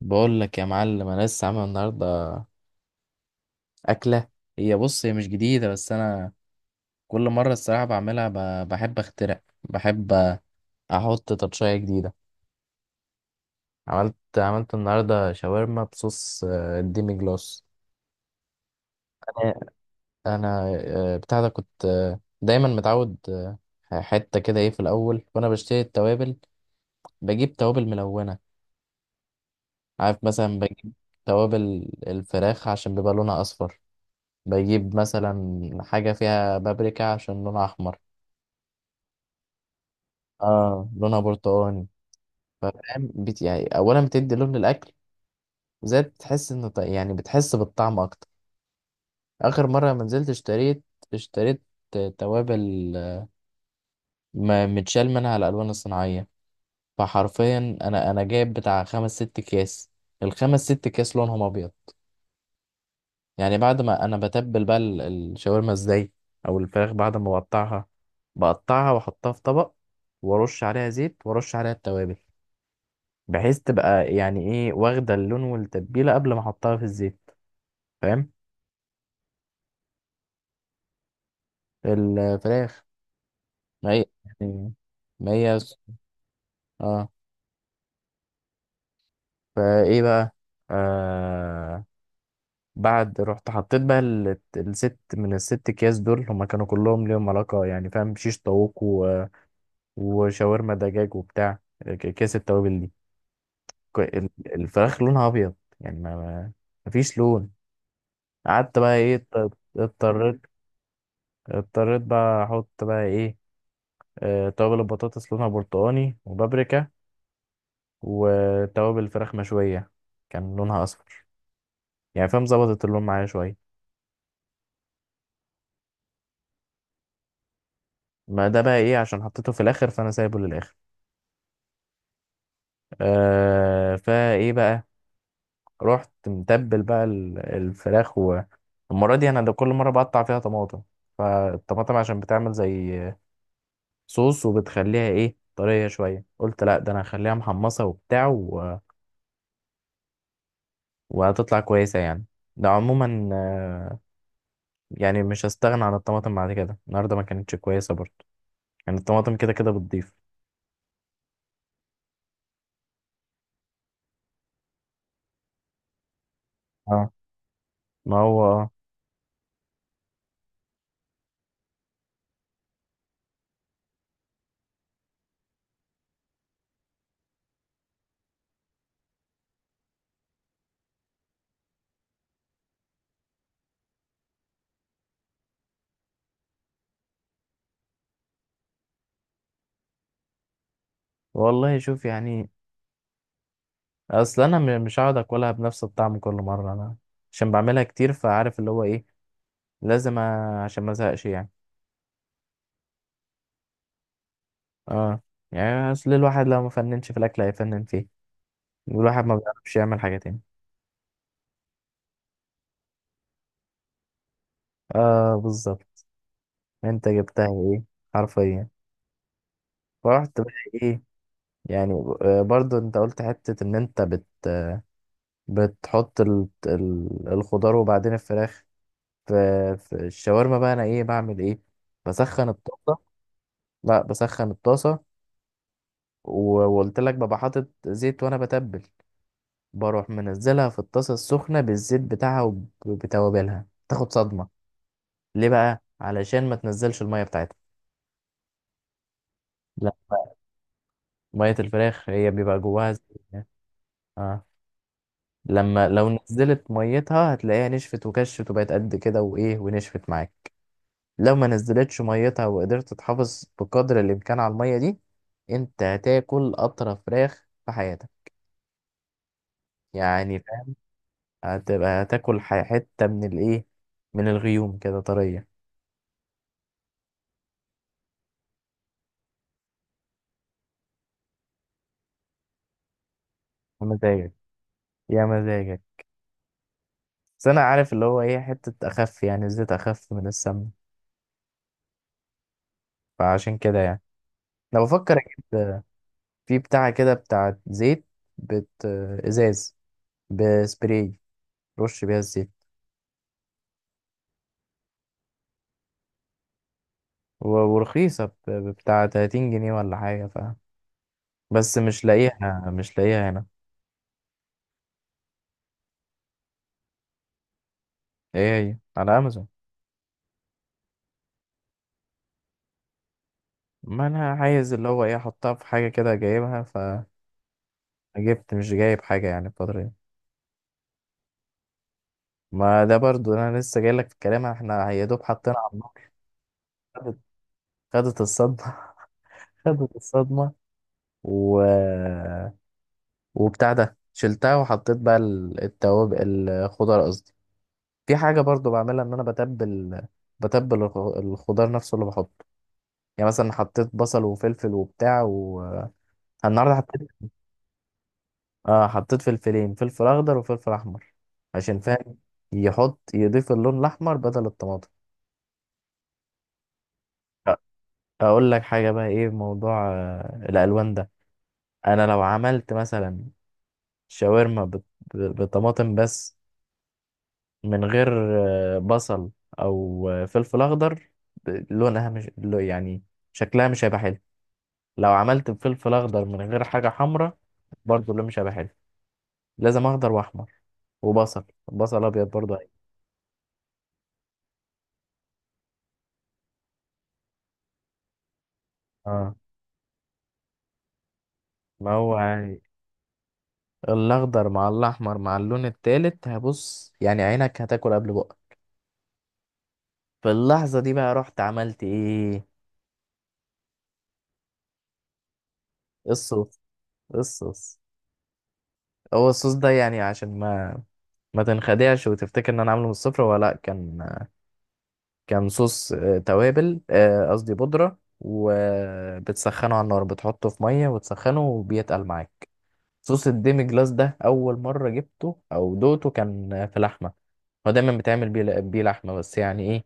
بقول لك يا معلم، انا لسه عامل النهارده اكله. هي بص، هي مش جديده بس انا كل مره الصراحه بعملها بحب اخترع، بحب احط تاتشايه جديده. عملت النهارده شاورما بصوص الديمي جلاس. انا انا آه، بتاع ده كنت دايما متعود، حته كده ايه في الاول وانا بشتري التوابل بجيب توابل ملونه. عارف، مثلا بجيب توابل الفراخ عشان بيبقى لونها اصفر، بجيب مثلا حاجة فيها بابريكا عشان لونها أحمر. اه لونها برتقاني. فاهم. يعني أولا بتدي لون للأكل، زائد بتحس إن يعني بتحس بالطعم أكتر. آخر مرة لما نزلت اشتريت توابل ما متشال منها الألوان الصناعية. فحرفيا أنا جايب بتاع خمس ست أكياس، الخمس ست أكياس لونهم أبيض. يعني بعد ما انا بتبل بقى الشاورما ازاي او الفراخ، بعد ما بقطعها بقطعها واحطها في طبق وارش عليها زيت وارش عليها التوابل، بحيث تبقى يعني ايه واخده اللون والتتبيله قبل ما احطها في الزيت. فاهم. الفراخ. ما هي. يعني. ما هي. اه. فايه بقى، آه بعد رحت حطيت بقى الست من الست اكياس دول، هما كانوا كلهم ليهم علاقه يعني، فاهم؟ شيش طاووق وشاورما دجاج وبتاع. كيس التوابل دي، ك- ال- الفراخ لونها ابيض يعني مفيش لون. قعدت بقى ايه، اضطريت، اضطريت بقى احط بقى ايه، توابل البطاطس لونها برتقاني وبابريكا، وتوابل الفراخ مشوية كان لونها اصفر. يعني فاهم، ظبطت اللون معايا شوية. ما ده بقى ايه عشان حطيته في الاخر، فانا سايبه للاخر. آه فايه بقى، رحت متبل بقى الفراخ. والمرة دي انا ده كل مرة بقطع فيها طماطم، فالطماطم عشان بتعمل زي صوص وبتخليها ايه طرية شوية، قلت لا ده انا هخليها محمصة وبتاع و... وهتطلع كويسة يعني. ده عموما يعني مش هستغنى عن الطماطم بعد كده. النهاردة ما كانتش كويسة برضه، يعني الطماطم كده كده بتضيف. اه، ما هو اه. والله شوف يعني، اصل انا مش هقعد اكلها بنفس الطعم كل مرة. انا عشان بعملها كتير، فعارف اللي هو ايه، لازم عشان ما ازهقش يعني. اه، يعني اصل الواحد لو ما فننش في الاكل هيفنن فيه، والواحد ما بيعرفش يعمل حاجه تاني. اه بالظبط. انت جبتها ايه حرفيا. فرحت بقى ايه يعني، برضو انت قلت حته ان انت بتحط الخضار وبعدين الفراخ في... في الشاورما بقى انا ايه، بعمل ايه، بسخن الطاسه. لا بسخن الطاسه وقلت لك ببقى حاطط زيت وانا بتبل، بروح منزلها في الطاسه السخنه بالزيت بتاعها وبتوابلها تاخد صدمه. ليه بقى؟ علشان ما تنزلش الميه بتاعتها. لا، ميه الفراخ هي بيبقى جواها زي. اه، لما لو نزلت ميتها هتلاقيها نشفت وكشت وبقت قد كده وايه، ونشفت معاك. لو ما نزلتش ميتها وقدرت تحافظ بقدر الامكان على الميه دي، انت هتاكل اطرى فراخ في حياتك. يعني فاهم، هتبقى هتاكل حته من الايه، من الغيوم كده طريه. يا مزاجك، يا مزاجك. بس انا عارف اللي هو ايه حته اخف يعني، الزيت اخف من السمنه. فعشان كده يعني انا بفكر اجيب في بتاعة كده، بتاعة زيت، بت ازاز بسبراي رش بيها الزيت. ورخيصة بتاع 30 جنيه ولا حاجة، ف بس مش لاقيها، مش لاقيها هنا. ايه، هي على امازون. ما انا عايز اللي هو ايه احطها في حاجة كده جايبها، فجبت مش جايب حاجة يعني الفترة دي. ما ده برضو انا لسه جاي لك في الكلام، احنا يا دوب حطينا على النار. خدت خدت الصدمة. خدت الصدمة. و وبتاع ده شلتها وحطيت بقى التوابل، الخضار قصدي. في حاجة برضو بعملها، ان انا بتبل، بتبل الخضار نفسه اللي بحطه، يعني مثلا حطيت بصل وفلفل وبتاع و النهارده حطيت، اه حطيت فلفلين، فلفل اخضر وفلفل احمر، عشان فاهم يحط يضيف اللون الاحمر بدل الطماطم. أ- اقول لك حاجة بقى ايه، موضوع الالوان ده، انا لو عملت مثلا شاورما بطماطم بس، من غير بصل او فلفل اخضر، لونها مش لو- يعني شكلها مش هيبقى حلو. لو عملت بفلفل اخضر من غير حاجه حمراء برضه اللون مش هيبقى حلو. لازم اخضر واحمر وبصل، بصل ابيض برضه أيوة. اه ما هو يعني الاخضر مع الاحمر مع اللون التالت، هبص يعني عينك هتاكل قبل بقك. في اللحظه دي بقى رحت عملت ايه، الصوص، الصوص. هو الصوص ده يعني عشان ما تنخدعش وتفتكر ان انا عامله من الصفر، ولا لا، كان كان صوص توابل قصدي بودرة، وبتسخنه على النار، بتحطه في مية وتسخنه وبيتقل معاك. صوص الديمي جلاس ده أول مرة جبته أو دوقته كان في لحمة، هو دايما بيتعمل بيه بيه لحمة بس. يعني إيه،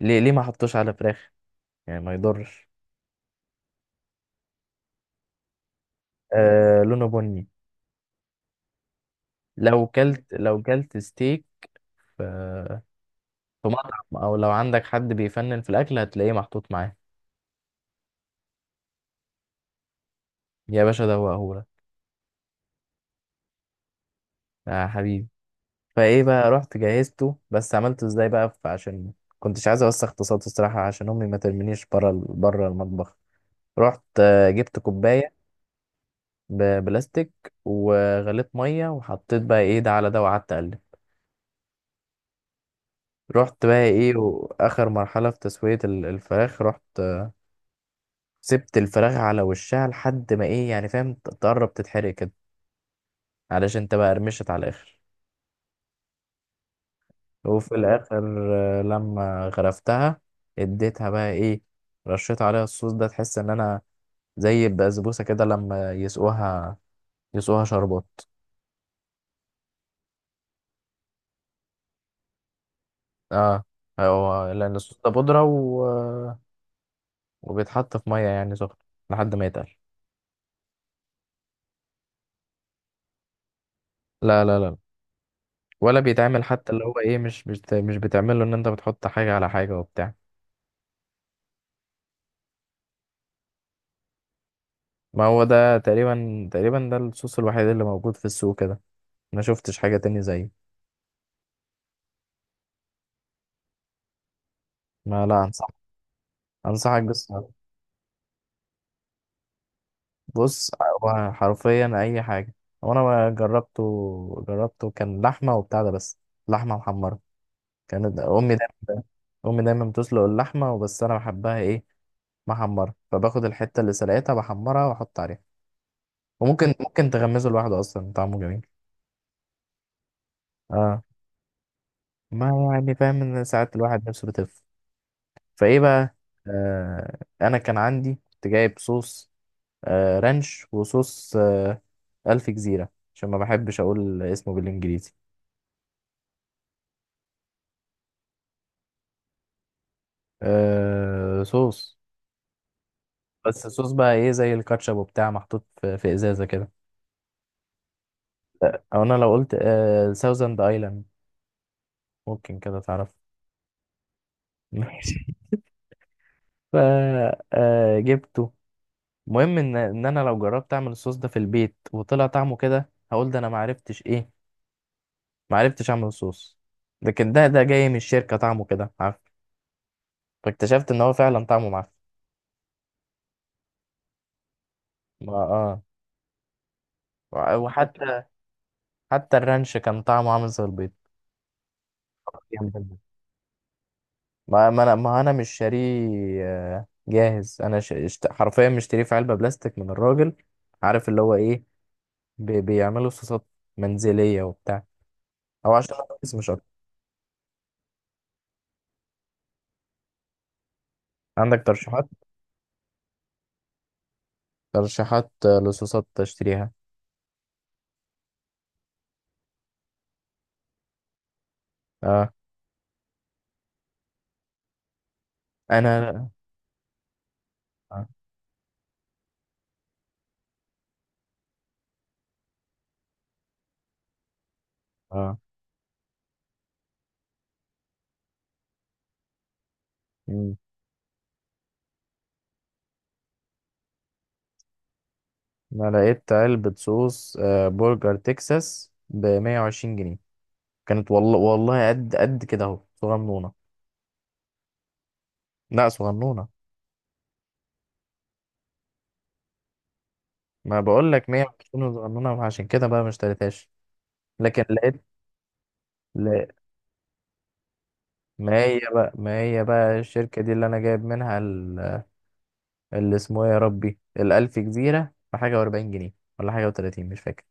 ليه ما حطوش على فراخ، يعني ما يضرش. آه لونه بني. لو كلت ستيك في في مطعم، أو لو عندك حد بيفنن في الأكل هتلاقيه محطوط معاه. يا باشا ده هو هو. يا حبيبي. فايه بقى، رحت جهزته. بس عملته ازاي بقى، عشان كنتش عايز اوسخ، اقتصادي الصراحه، عشان امي ما ترمينيش بره بره المطبخ. رحت جبت كوبايه ببلاستيك وغليت ميه وحطيت بقى ايه ده على ده وقعدت اقلب. رحت بقى ايه، واخر مرحله في تسويه الفراخ، رحت سبت الفراخ على وشها لحد ما ايه يعني فاهم، تقرب تتحرق كده، علشان تبقى قرمشت على الاخر. وفي الاخر لما غرفتها، اديتها بقى ايه، رشيت عليها الصوص ده، تحس ان انا زي البسبوسه كده لما يسقوها، يسقوها شربات. اه هو لان الصوص ده بودره و... وبيتحط في ميه يعني سخنه، لحد ما يتقل. لا لا لا. ولا بيتعمل حتى اللي هو ايه، مش بتعمل له ان انت بتحط حاجه على حاجه وبتاع. ما هو ده تقريبا ده الصوص الوحيد اللي موجود في السوق كده، ما شفتش حاجه تاني زيه. ما لا انصح، انصحك بس. بص، هو حرفيا اي حاجه. وانا جربته كان لحمه وبتاع ده بس، لحمه محمره. كانت امي دايما امي دايما بتسلق اللحمه، وبس انا بحبها ايه، محمره، فباخد الحته اللي سلقتها بحمرها واحط عليها. وممكن تغمزه لوحده اصلا طعمه جميل. اه، ما يعني فاهم ان ساعات الواحد نفسه فايه بقى آه. انا كان عندي كنت جايب صوص آه، رانش، وصوص آه، الف جزيره، عشان ما بحبش اقول اسمه بالانجليزي. آه صوص. بس الصوص بقى ايه زي الكاتشب وبتاع، محطوط في ازازه كده. لا، او انا لو قلت آه ساوزند ايلاند، ممكن كده تعرف. ماشي. ف آه جبته. المهم ان انا لو جربت اعمل الصوص ده في البيت وطلع طعمه كده هقول ده انا معرفتش ايه، معرفتش اعمل الصوص. لكن ده جاي من الشركه طعمه كده عارف. فاكتشفت ان هو فعلا طعمه معفن. اه. وحتى الرانش كان طعمه عامل زي البيض. ما ما انا ما انا مش شاريه جاهز. انا حرفيا مشتريه في علبه بلاستيك من الراجل. عارف اللي هو ايه، بيعملوا صوصات منزليه وبتاع. او عشان، بس مش اكتر. عندك ترشيحات، ترشيحات لصوصات تشتريها. اه. انا. اه, آه. مم. انا لقيت علبه صوص آه برجر تكساس ب 120 جنيه، كانت والله والله قد قد كده اهو صغنونه. لا صغنونه. ما بقول لك 120 صغنونه، عشان كده بقى ما اشتريتهاش. لكن لقيت، لا. ما هي بقى، ما هي بقى الشركة دي اللي أنا جايب منها اللي اسمه إيه يا ربي، الألف جزيرة بحاجة وأربعين جنيه، ولا حاجة وتلاتين مش فاكر.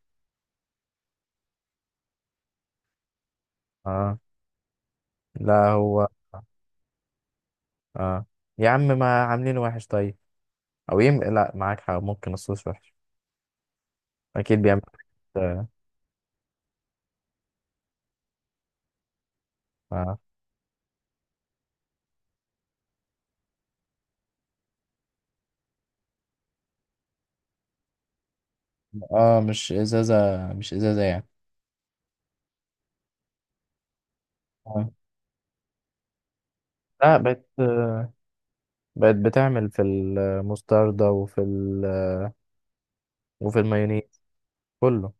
اه. لا هو. اه يا عم ما عاملين وحش طيب، أو يم لا معاك حق ممكن الصوص وحش، أكيد بيعمل. اه. اه. مش إزازة، مش إزازة يعني. اه. لا بقت، بقت بتعمل في المستردة وفي ال... وفي المايونيز، كله.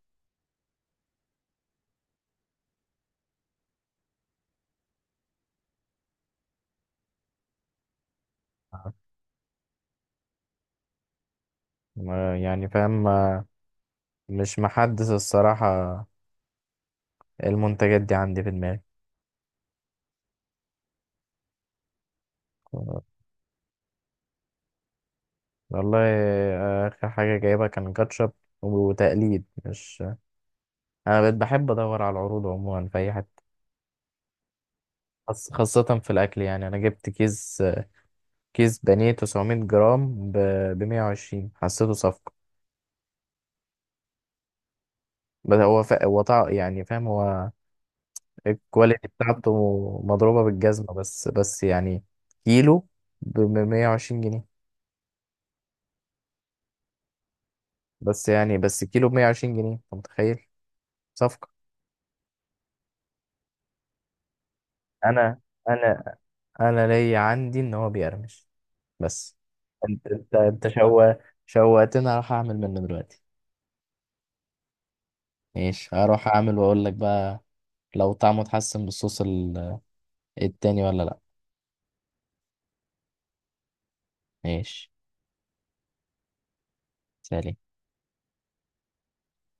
آه. يعني فاهم مش محدث الصراحة المنتجات دي عندي في دماغي. والله آخر حاجة جايبها كان كاتشب وتقليد مش. أنا بقيت بحب أدور على العروض عموما في أي حتة، خاصة في الأكل. يعني أنا جبت كيس، كيس بانيه 900 جرام ب 120، حسيته صفقة. بس هو يعني فاهم، هو الكواليتي بتاعته مضروبة بالجزمة. بس بس يعني، كيلو ب 120 جنيه، بس يعني كيلو ب 120 جنيه أنت متخيل، صفقة. أنا انا انا ليا عندي ان هو بيقرمش بس. انت شوقتني اروح اعمل منه دلوقتي. ماشي هروح اعمل واقول لك بقى، لو طعمه اتحسن بالصوص التاني ولا لا. ماشي. سلام.